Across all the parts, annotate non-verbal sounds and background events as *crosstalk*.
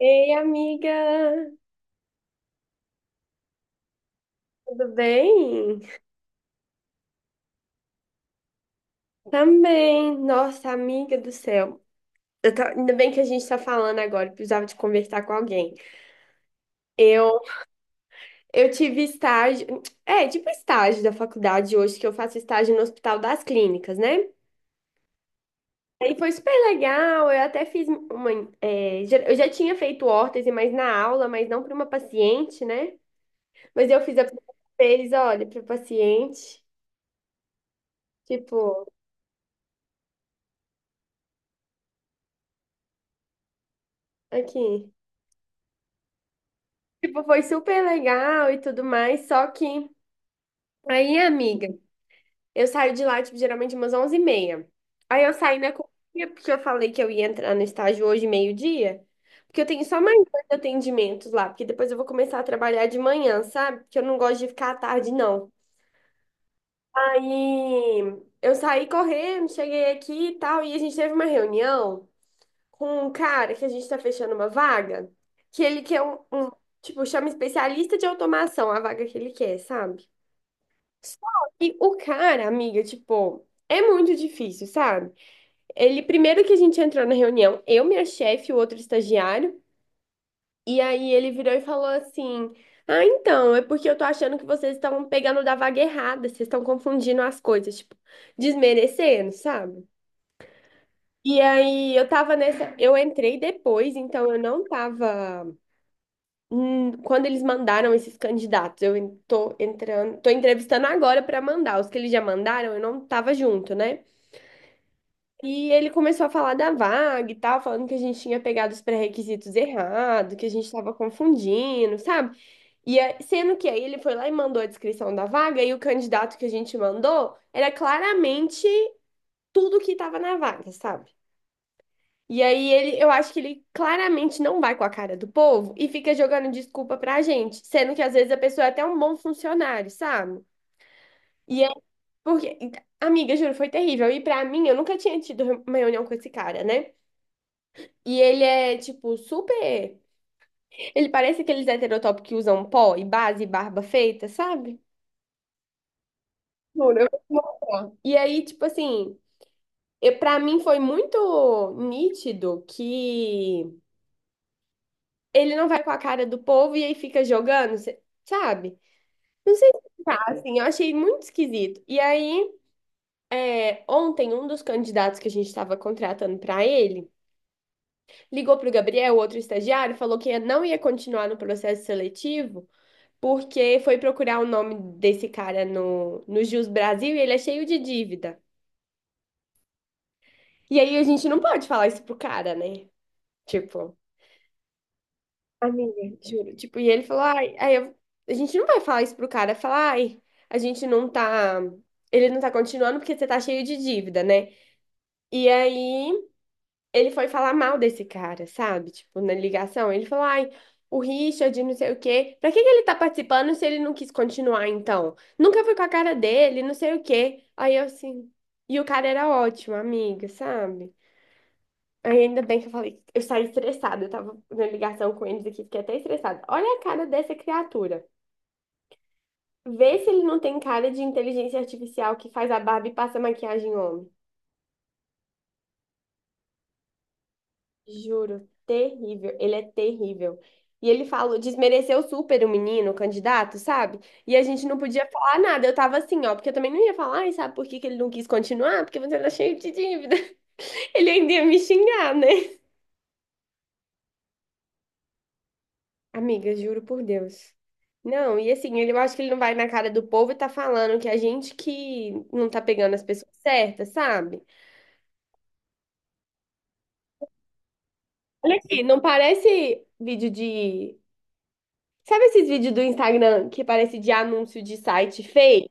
Ei, amiga, tudo bem? Também, nossa, amiga do céu. Ainda bem que a gente tá falando agora, eu precisava de conversar com alguém. Eu, eu tive estágio, tipo estágio da faculdade hoje, que eu faço estágio no Hospital das Clínicas, né? Aí foi super legal, eu até fiz uma. Eu já tinha feito órtese, mas na aula, mas não para uma paciente, né? Mas eu fiz a primeira vez, olha, para paciente, tipo, aqui. Tipo, foi super legal e tudo mais, só que aí, amiga, eu saio de lá, tipo, geralmente umas 11h30. Aí eu saí na correria, porque eu falei que eu ia entrar no estágio hoje, meio-dia, porque eu tenho só mais dois atendimentos lá, porque depois eu vou começar a trabalhar de manhã, sabe? Porque eu não gosto de ficar à tarde, não. Aí eu saí correndo, cheguei aqui e tal, e a gente teve uma reunião com um cara que a gente tá fechando uma vaga, que ele quer um, tipo, chama especialista de automação, a vaga que ele quer, sabe? Só que o cara, amiga, tipo, é muito difícil, sabe? Ele, primeiro que a gente entrou na reunião, eu, minha chefe e o outro estagiário, e aí ele virou e falou assim: ah, então, é porque eu tô achando que vocês estão pegando da vaga errada, vocês estão confundindo as coisas, tipo, desmerecendo, sabe? E aí eu tava nessa, eu entrei depois, então eu não tava. Quando eles mandaram esses candidatos, eu tô entrando, tô entrevistando agora para mandar. Os que eles já mandaram, eu não tava junto, né? E ele começou a falar da vaga e tal, falando que a gente tinha pegado os pré-requisitos errado, que a gente tava confundindo, sabe? Sendo que aí ele foi lá e mandou a descrição da vaga, e o candidato que a gente mandou era claramente tudo que tava na vaga, sabe? E aí ele, eu acho que ele claramente não vai com a cara do povo e fica jogando desculpa pra gente, sendo que às vezes a pessoa é até um bom funcionário, sabe? E é porque, amiga, juro, foi terrível. E pra mim, eu nunca tinha tido uma reunião com esse cara, né? E ele é, tipo, super. Ele parece aqueles heterotópicos que usam pó e base e barba feita, sabe? Juro, eu vou te mostrar. E aí, tipo assim, eu, pra mim foi muito nítido que ele não vai com a cara do povo e aí fica jogando, sabe? Não sei explicar, assim, eu achei muito esquisito. E aí, ontem, um dos candidatos que a gente estava contratando para ele ligou para o Gabriel, outro estagiário, e falou que não ia continuar no processo seletivo porque foi procurar o nome desse cara no Jus Brasil, e ele é cheio de dívida. E aí a gente não pode falar isso pro cara, né? Tipo. Amiga, juro. Tipo, e ele falou, ai, a gente não vai falar isso pro cara, falar, ai, a gente não tá, ele não tá continuando porque você tá cheio de dívida, né? E aí ele foi falar mal desse cara, sabe? Tipo, na ligação, ele falou, ai, o Richard, não sei o quê. Pra que que ele tá participando se ele não quis continuar, então? Nunca foi com a cara dele, não sei o quê. Aí eu assim, e o cara era ótimo, amiga, sabe? Aí ainda bem que eu falei, eu saí estressada, eu tava na ligação com eles aqui, fiquei até estressada. Olha a cara dessa criatura. Vê se ele não tem cara de inteligência artificial que faz a barba e passa maquiagem em homem. Juro, terrível, ele é terrível. E ele falou, desmereceu super o menino, o candidato, sabe? E a gente não podia falar nada. Eu tava assim, ó, porque eu também não ia falar: "Ai, sabe por que que ele não quis continuar? Porque você tá cheio de dívida." *laughs* Ele ainda ia me xingar, né? Amiga, juro por Deus. Não, e assim, eu acho que ele não vai na cara do povo e tá falando que a gente que não tá pegando as pessoas certas, sabe? Olha aqui, não parece vídeo de. Sabe esses vídeos do Instagram que parece de anúncio de site fake?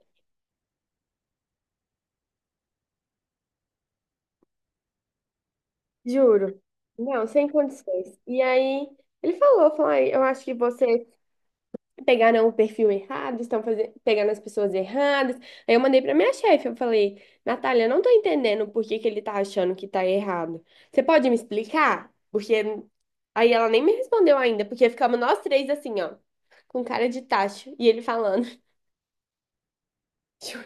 Juro. Não, sem condições. E aí, ele falou, falou: "Ai, eu acho que você pegaram o perfil errado, estão fazendo, pegando as pessoas erradas." Aí eu mandei pra minha chefe, eu falei: Natália, eu não tô entendendo por que que ele tá achando que tá errado. Você pode me explicar? Porque aí ela nem me respondeu ainda, porque ficamos nós três assim, ó, com cara de tacho, e ele falando, *laughs* juro,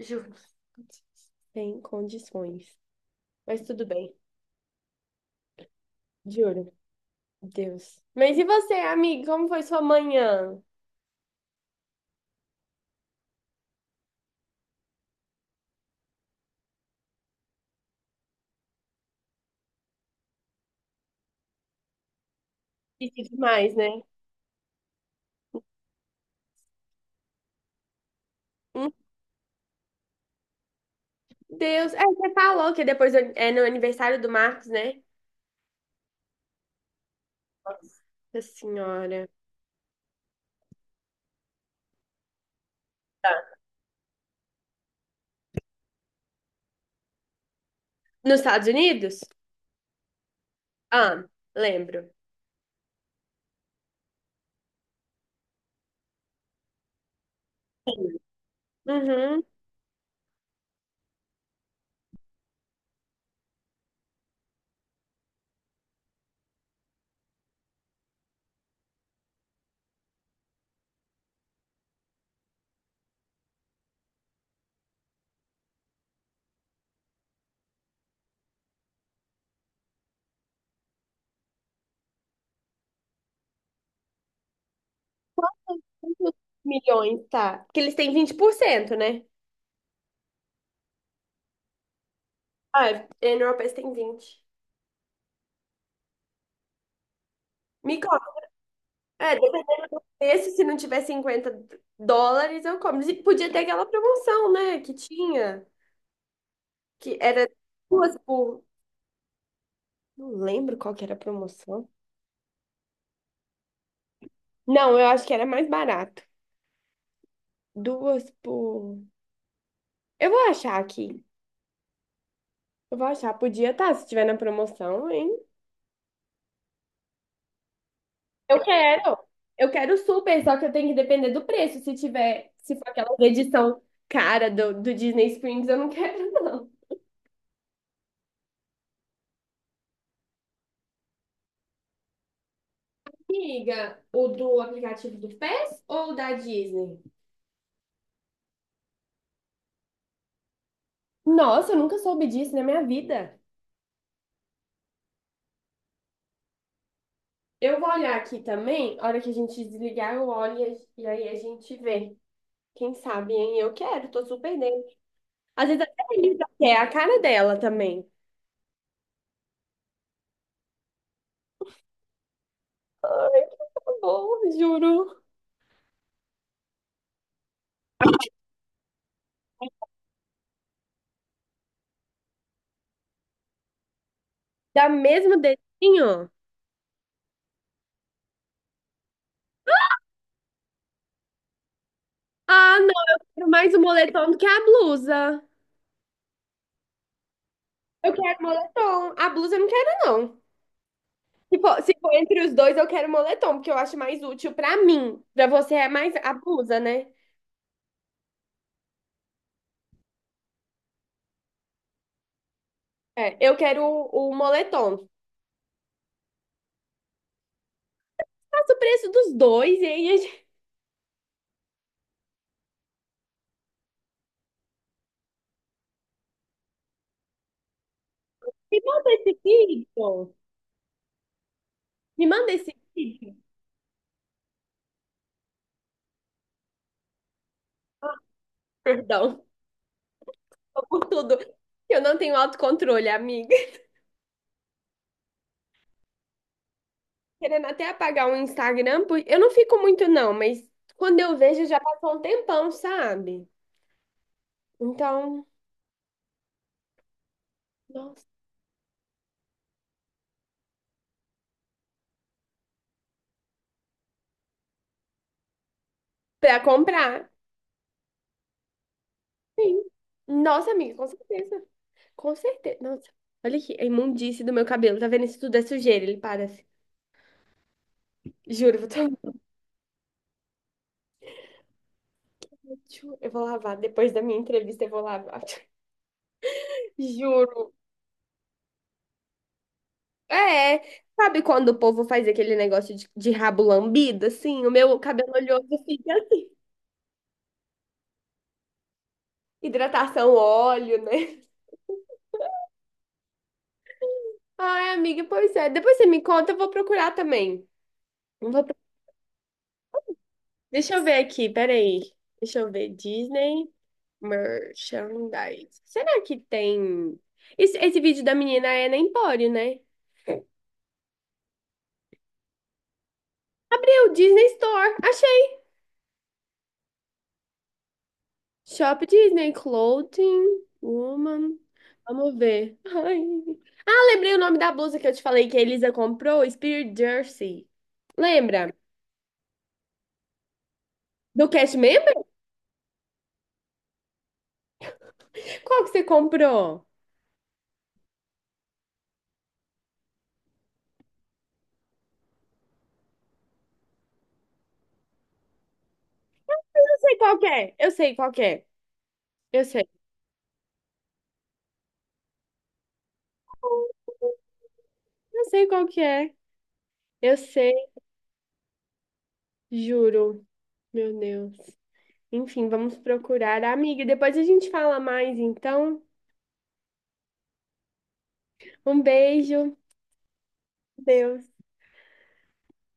juro, sem condições. Mas tudo bem, juro, Deus. Mas e você, amigo, como foi sua manhã? E tudo mais, né? Deus, é, você falou que depois é no aniversário do Marcos, né? Nossa senhora. Tá. Nos Estados Unidos? Ah, lembro. Sim. Uhum. Quantos milhões, tá? Porque eles têm 20%, né? Ah, é, na Europa eles têm 20. Me conta. É, dependendo desse, se não tiver US$ 50, eu como. E podia ter aquela promoção, né? Que tinha. Que era duas por. Não lembro qual que era a promoção. Não, eu acho que era mais barato. Duas por. Eu vou achar aqui. Eu vou achar. Podia estar, se tiver na promoção, hein? Eu quero. Eu quero super, só que eu tenho que depender do preço. Se tiver, se for aquela edição cara do Disney Springs, eu não *laughs* quero, não. Amiga, o do aplicativo do PES ou o da Disney? Nossa, eu nunca soube disso na minha vida. Eu vou olhar aqui também. A hora que a gente desligar, eu olho e aí a gente vê. Quem sabe, hein? Eu quero, tô super dentro. Às vezes até a Elisa quer, é a cara dela também. Tá bom, juro. Dá mesmo dedinho? Ah, não, eu quero mais o moletom do que a blusa. Eu quero moletom. A blusa eu não quero, não. Se for, se for entre os dois, eu quero moletom, porque eu acho mais útil pra mim. Pra você é mais a blusa, né? É, eu quero o moletom. Faço o preço dos dois e aí a gente... Me manda esse vídeo. Me manda esse vídeo. Ah, perdão, tô por tudo. Eu não tenho autocontrole, amiga. Querendo até apagar o Instagram, eu não fico muito não, mas quando eu vejo já passou um tempão, sabe? Então, nossa, pra comprar, sim. Nossa, amiga, com certeza. Com certeza. Nossa, olha aqui, a imundice do meu cabelo, tá vendo? Isso tudo é sujeira, ele parece. Juro, eu vou, *laughs* eu vou lavar. Depois da minha entrevista, eu vou lavar. *laughs* Juro. É, sabe quando o povo faz aquele negócio de, rabo lambido, assim? O meu cabelo oleoso fica assim. Hidratação, óleo, né? Ai, amiga, pois é. Depois você me conta, eu vou procurar também. Eu vou pro- Deixa eu ver aqui, peraí. Deixa eu ver. Disney Merchandise. Será que tem. Esse vídeo da menina é na Empório, né? Abriu Disney Store. Achei. Shop Disney Clothing Woman. Vamos ver. Ai. Ah, lembrei o nome da blusa que eu te falei que a Elisa comprou, Spirit Jersey. Lembra? Do cast member? Qual que você comprou? Eu sei qual que é. Eu sei qual que é. Eu sei. Não sei qual que é. Eu sei, juro. Meu Deus. Enfim, vamos procurar. Amiga, depois a gente fala mais, então. Um beijo. Deus.